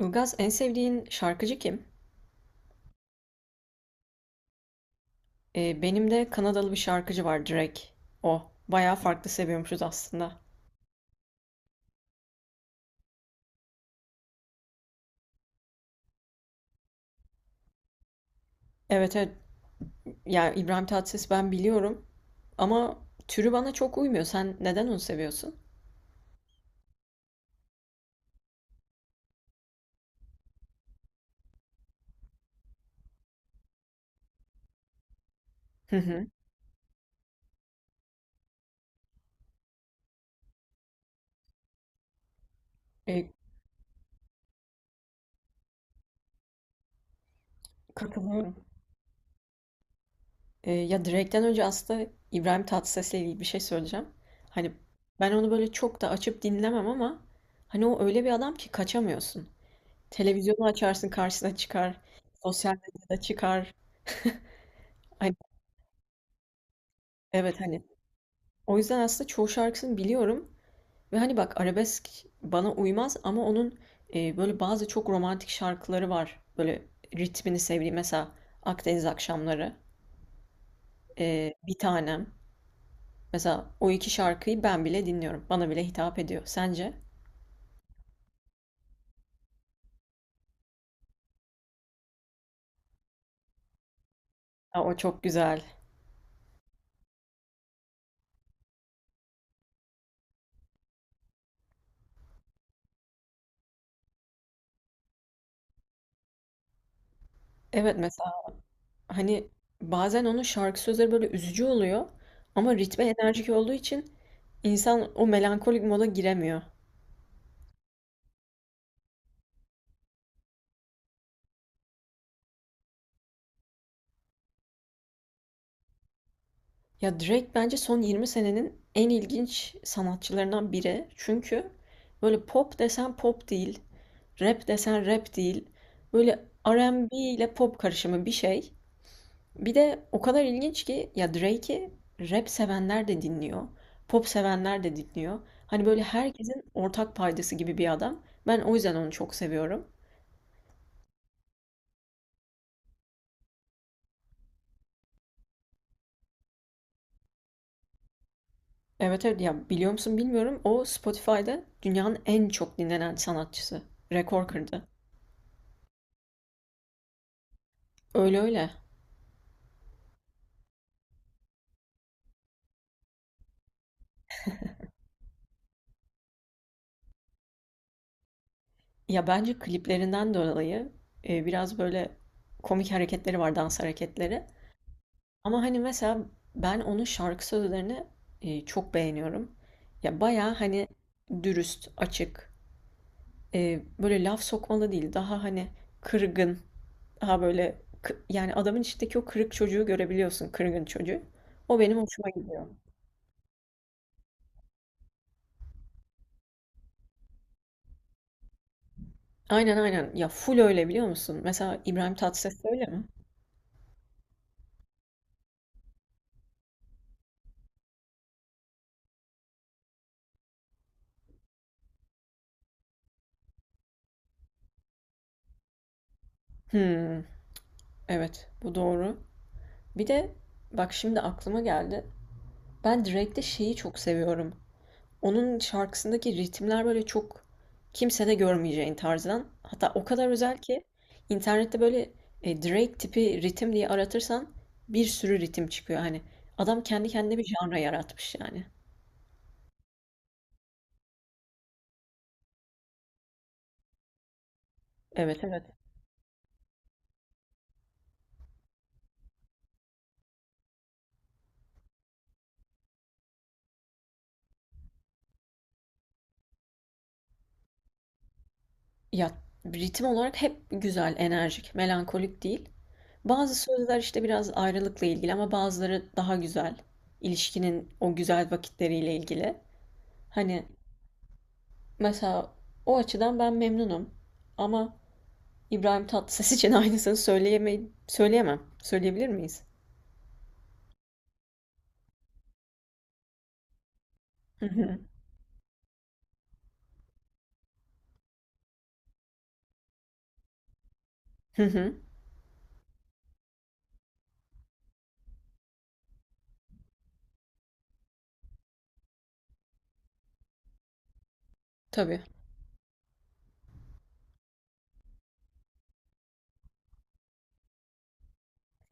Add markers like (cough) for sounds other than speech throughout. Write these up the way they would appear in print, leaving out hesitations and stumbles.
Ilgaz, en sevdiğin şarkıcı kim? Benim de Kanadalı bir şarkıcı var, Drake. O. Bayağı farklı seviyormuşuz aslında. Evet, evet. Yani İbrahim Tatlıses, ben biliyorum. Ama türü bana çok uymuyor. Sen neden onu seviyorsun? Hı hı. Ee, Katılıyorum. Ya Drake'den önce aslında İbrahim Tatlıses'le ilgili bir şey söyleyeceğim. Hani ben onu böyle çok da açıp dinlemem ama hani o öyle bir adam ki kaçamıyorsun. Televizyonu açarsın, karşısına çıkar. Sosyal medyada çıkar. Hani, evet, o yüzden aslında çoğu şarkısını biliyorum ve hani bak, arabesk bana uymaz ama onun böyle bazı çok romantik şarkıları var. Böyle ritmini sevdiğim mesela Akdeniz Akşamları, Bir Tanem. Mesela o iki şarkıyı ben bile dinliyorum. Bana bile hitap ediyor. Sence? Ha, o çok güzel. Evet, mesela hani bazen onun şarkı sözleri böyle üzücü oluyor ama ritme enerjik olduğu için insan o melankolik moda giremiyor. Ya, Drake bence son 20 senenin en ilginç sanatçılarından biri. Çünkü böyle pop desen pop değil, rap desen rap değil. Böyle R&B ile pop karışımı bir şey. Bir de o kadar ilginç ki ya, Drake'i rap sevenler de dinliyor, pop sevenler de dinliyor. Hani böyle herkesin ortak paydası gibi bir adam. Ben o yüzden onu çok seviyorum. Evet, evet, ya biliyor musun bilmiyorum, o Spotify'da dünyanın en çok dinlenen sanatçısı. Rekor kırdı. Öyle, öyle. Ya bence kliplerinden dolayı biraz böyle komik hareketleri var, dans hareketleri. Ama hani mesela ben onun şarkı sözlerini çok beğeniyorum. Ya baya hani dürüst, açık, böyle laf sokmalı değil. Daha hani kırgın, daha böyle yani adamın içindeki o kırık çocuğu görebiliyorsun, kırgın çocuğu. O benim hoşuma gidiyor. Aynen, aynen. Ya full öyle, biliyor musun? Mesela İbrahim Tatlıses öyle mi? Hmm, evet, bu doğru. Bir de bak şimdi aklıma geldi. Ben Drake'de şeyi çok seviyorum. Onun şarkısındaki ritimler böyle çok kimsede görmeyeceğin tarzdan. Hatta o kadar özel ki internette böyle Drake tipi ritim diye aratırsan bir sürü ritim çıkıyor. Hani adam kendi kendine bir janra yaratmış yani. Evet, evet. Ya ritim olarak hep güzel, enerjik, melankolik değil. Bazı sözler işte biraz ayrılıkla ilgili ama bazıları daha güzel. İlişkinin o güzel vakitleriyle ilgili. Hani mesela o açıdan ben memnunum. Ama İbrahim Tatlıses için (laughs) aynısını söyleyemem. Söyleyebilir miyiz? Hı hı. Hı hı. Tabii.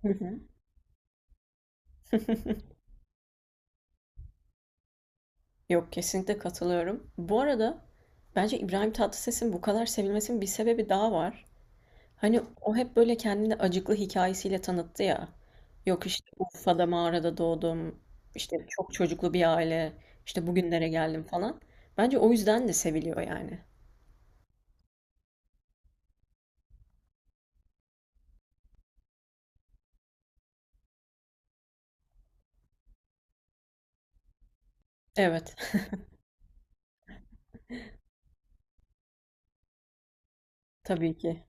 Hı hı. (laughs) Yok, kesinlikle katılıyorum. Bu arada bence İbrahim Tatlıses'in bu kadar sevilmesinin bir sebebi daha var. Hani o hep böyle kendini acıklı hikayesiyle tanıttı ya. Yok işte Urfa'da mağarada doğdum. İşte çok çocuklu bir aile. İşte bugünlere geldim falan. Bence o yüzden de seviliyor yani. Evet. (laughs) Tabii ki.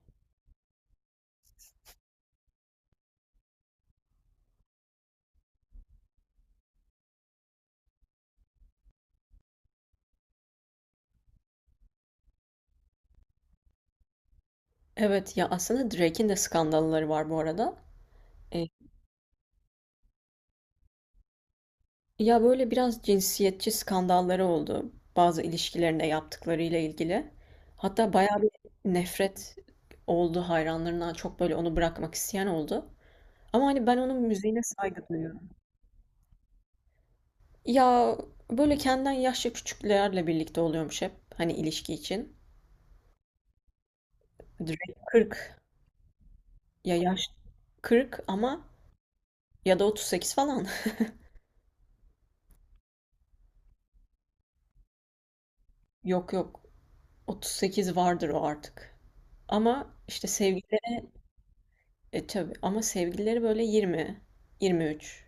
Evet, ya aslında Drake'in de skandalları var bu arada. E, Ya böyle biraz cinsiyetçi skandalları oldu. Bazı ilişkilerinde yaptıklarıyla ilgili. Hatta bayağı bir nefret oldu hayranlarından. Çok böyle onu bırakmak isteyen oldu. Ama hani ben onun müziğine saygı duyuyorum. Ya böyle kendinden yaşça küçüklerle birlikte oluyormuş hep. Hani ilişki için. Drake 40. Ya yaş 40 ama ya da 38 falan. (laughs) Yok, yok. 38 vardır o artık. Ama işte sevgili, e tabii, ama sevgilileri böyle 20, 23.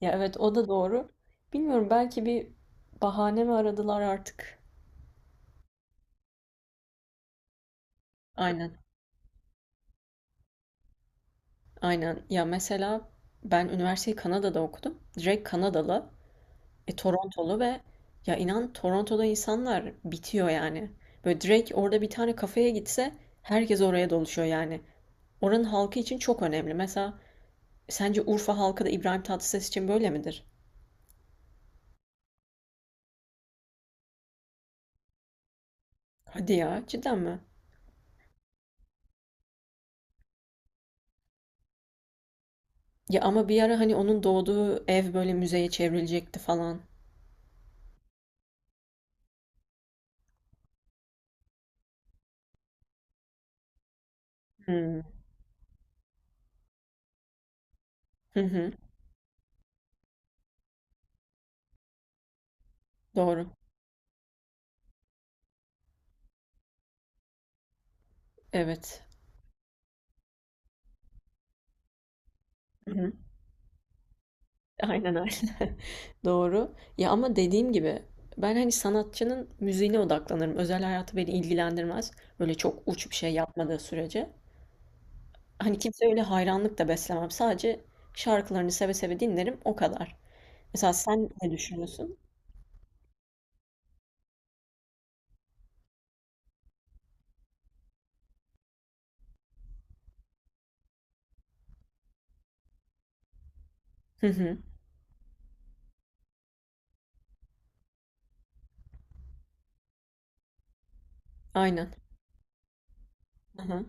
Ya evet, o da doğru. Bilmiyorum, belki bir bahane mi aradılar artık? Aynen. Aynen. Ya mesela ben üniversiteyi Kanada'da okudum. Direkt Kanadalı, Torontolu ve ya inan, Toronto'da insanlar bitiyor yani. Böyle direkt orada bir tane kafeye gitse herkes oraya doluşuyor yani. Oranın halkı için çok önemli. Mesela sence Urfa halkı da İbrahim Tatlıses için böyle midir? Hadi ya, cidden mi? Ya ama bir ara hani onun doğduğu ev böyle müzeye çevrilecekti falan. Hmm. Hı hı. Doğru. Evet. Hı hı. Aynen, aynen. (laughs) Doğru. Ya ama dediğim gibi ben hani sanatçının müziğine odaklanırım. Özel hayatı beni ilgilendirmez. Böyle çok uç bir şey yapmadığı sürece. Hani kimse, öyle hayranlık da beslemem. Sadece şarkılarını seve seve dinlerim o kadar. Mesela sen ne düşünüyorsun? Hı hı. Aynen. Hı hı.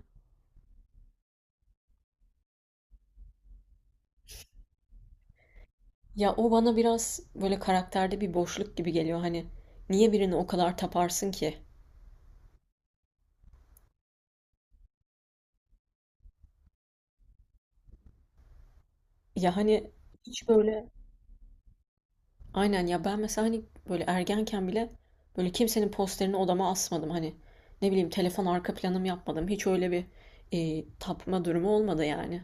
Ya o bana biraz böyle karakterde bir boşluk gibi geliyor. Hani niye birini o kadar taparsın ki? Ya hani hiç böyle aynen ya ben mesela hani böyle ergenken bile böyle kimsenin posterini odama asmadım. Hani ne bileyim, telefon arka planım yapmadım. Hiç öyle bir tapma durumu olmadı yani.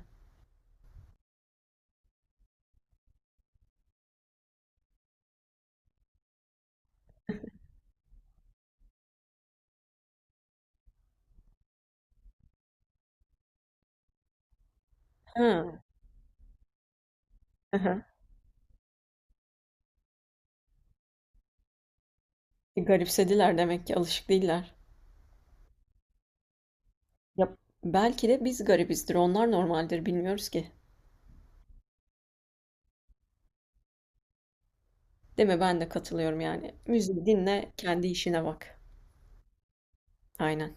Ha. Aha. Garipsediler demek ki, alışık değiller. Ya belki de biz garibizdir, onlar normaldir, bilmiyoruz ki. Değil mi? Ben de katılıyorum yani. Müziği dinle, kendi işine bak. Aynen.